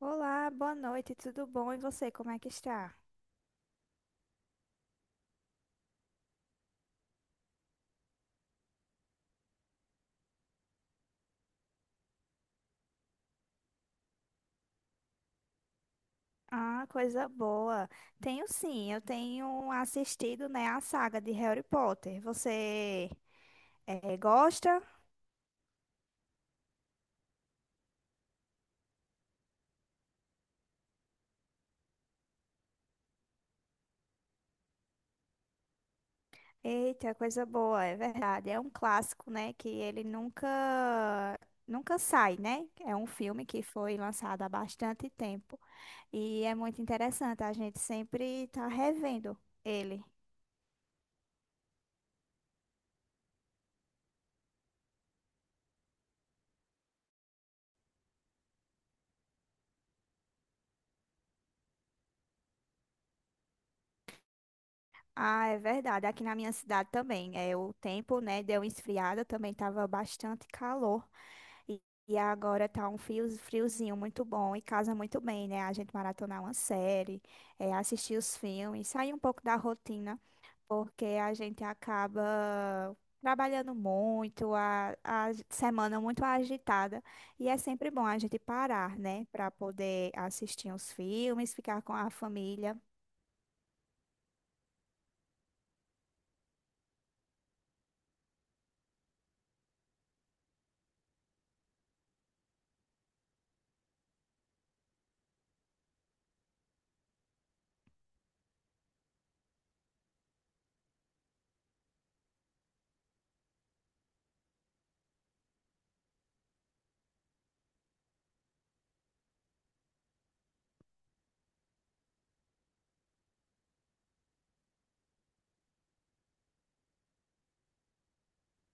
Olá, boa noite, tudo bom? E você, como é que está? Ah, coisa boa. Tenho sim, eu tenho assistido, né, a saga de Harry Potter. Você gosta? Eita, coisa boa, é verdade. É um clássico, né, que ele nunca sai, né? É um filme que foi lançado há bastante tempo e é muito interessante. A gente sempre está revendo ele. Ah, é verdade. Aqui na minha cidade também. É, o tempo, né, deu uma esfriada, também tava bastante calor. E, e agora tá um frio, friozinho muito bom e casa muito bem, né? A gente maratonar uma série, é, assistir os filmes, sair um pouco da rotina, porque a gente acaba trabalhando muito, a semana muito agitada. E é sempre bom a gente parar, né, para poder assistir os filmes, ficar com a família.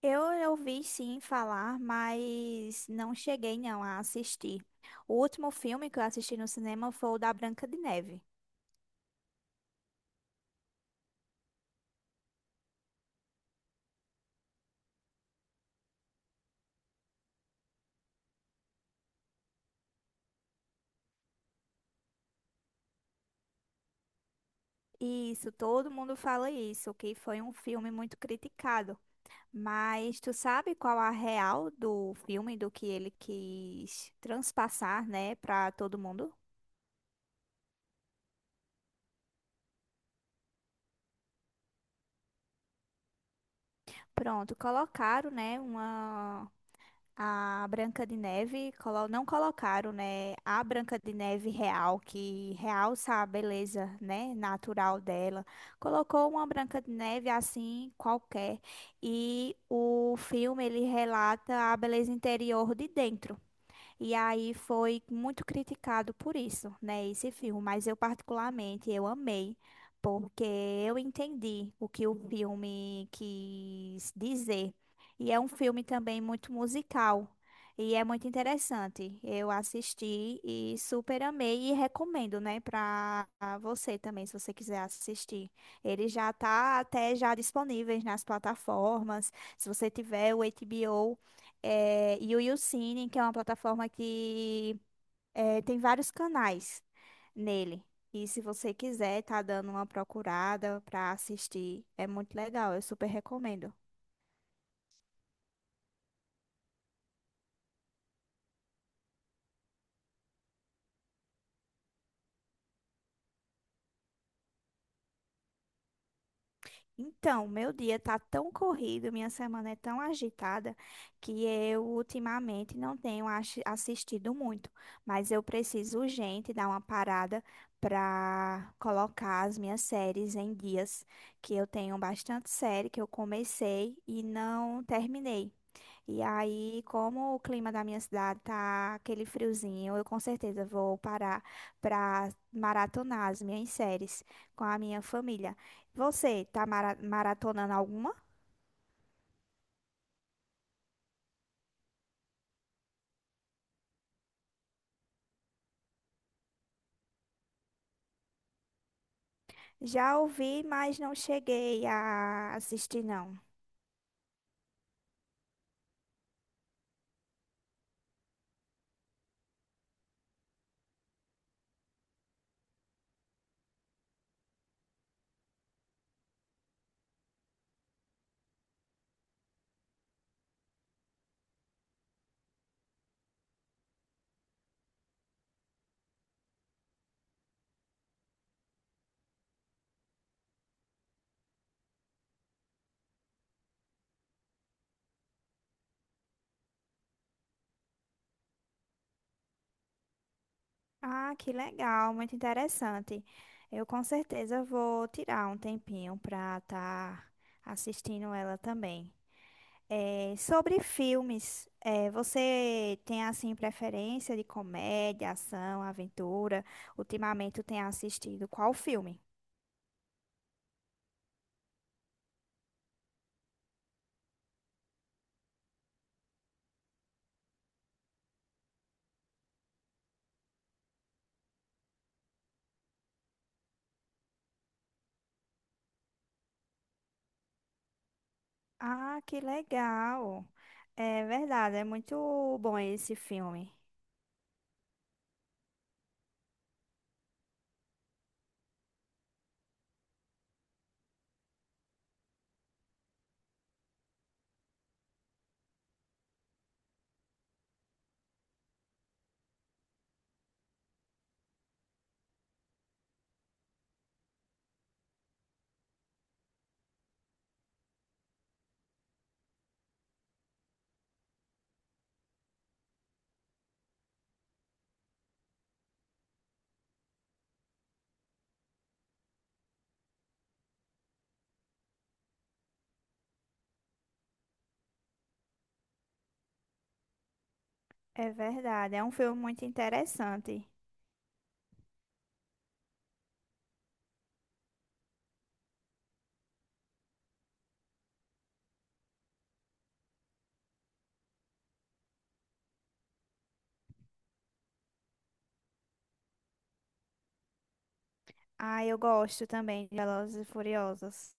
Eu ouvi sim falar, mas não cheguei não a assistir. O último filme que eu assisti no cinema foi o da Branca de Neve. Isso, todo mundo fala isso, que foi um filme muito criticado. Mas tu sabe qual a real do filme, do que ele quis transpassar, né, para todo mundo? Pronto, colocaram, né, uma A Branca de Neve, não colocaram, né, a Branca de Neve real, que realça a beleza, né, natural dela. Colocou uma Branca de Neve assim, qualquer, e o filme ele relata a beleza interior de dentro. E aí foi muito criticado por isso, né, esse filme, mas eu particularmente eu amei, porque eu entendi o que o filme quis dizer. E é um filme também muito musical. E é muito interessante. Eu assisti e super amei e recomendo, né, para você também, se você quiser assistir. Ele já tá até já disponíveis nas plataformas. Se você tiver o HBO, é, e o YouCine, que é uma plataforma que é, tem vários canais nele. E se você quiser, tá dando uma procurada pra assistir. É muito legal, eu super recomendo. Então, meu dia tá tão corrido, minha semana é tão agitada que eu ultimamente não tenho assistido muito, mas eu preciso urgente dar uma parada para colocar as minhas séries em dias, que eu tenho bastante série que eu comecei e não terminei. E aí, como o clima da minha cidade tá aquele friozinho, eu com certeza vou parar para maratonar as minhas séries com a minha família. Você tá maratonando alguma? Já ouvi, mas não cheguei a assistir, não. Ah, que legal, muito interessante. Eu com certeza vou tirar um tempinho para estar assistindo ela também. É, sobre filmes, é, você tem assim preferência de comédia, ação, aventura? Ultimamente tu tem assistido qual filme? Ah, que legal! É verdade, é muito bom esse filme. É verdade, é um filme muito interessante. Ah, eu gosto também de Velozes e Furiosos.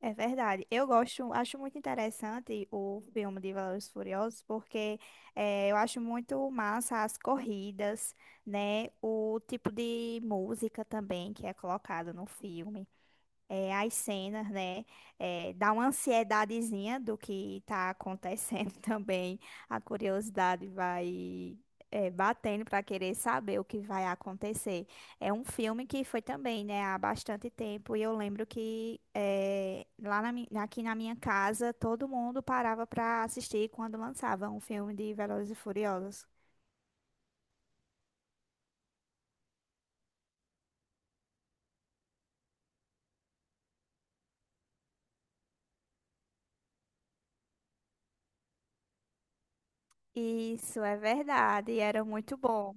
É verdade. Eu gosto, acho muito interessante o filme de Velozes e Furiosos porque eu acho muito massa as corridas, né? O tipo de música também que é colocada no filme é, as cenas, né? É, dá uma ansiedadezinha do que tá acontecendo também. A curiosidade vai é, batendo para querer saber o que vai acontecer. É um filme que foi também, né, há bastante tempo. E eu lembro que é, lá na, aqui na minha casa todo mundo parava para assistir quando lançava um filme de Velozes e Furiosos. Isso é verdade, e era muito bom.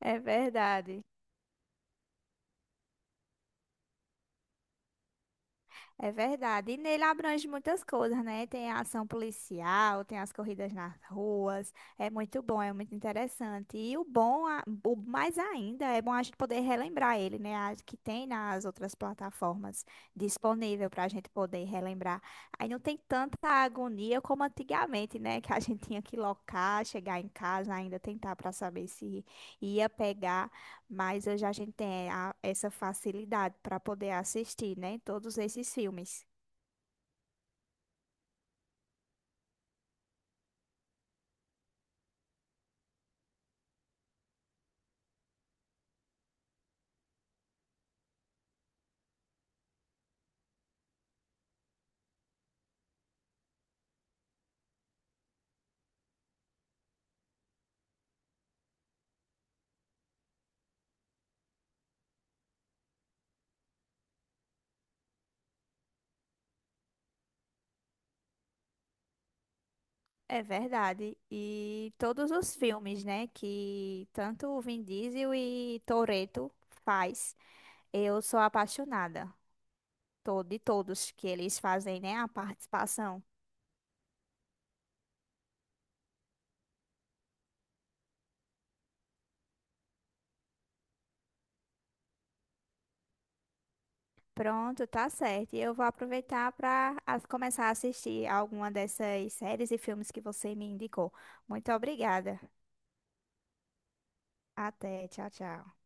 É verdade. É verdade. E nele abrange muitas coisas, né? Tem a ação policial, tem as corridas nas ruas. É muito bom, é muito interessante. E o bom, a- o mais ainda, é bom a gente poder relembrar ele, né? A- Que tem nas outras plataformas disponível para a gente poder relembrar. Aí não tem tanta agonia como antigamente, né? Que a gente tinha que locar, chegar em casa, ainda tentar para saber se ia pegar. Mas hoje a gente tem a- essa facilidade para poder assistir, né? Todos esses filmes. É verdade. E todos os filmes, né? Que tanto o Vin Diesel e Toretto faz, eu sou apaixonada. To- De todos que eles fazem, né? A participação. Pronto, tá certo. E eu vou aproveitar para começar a assistir alguma dessas séries e filmes que você me indicou. Muito obrigada. Até, tchau, tchau.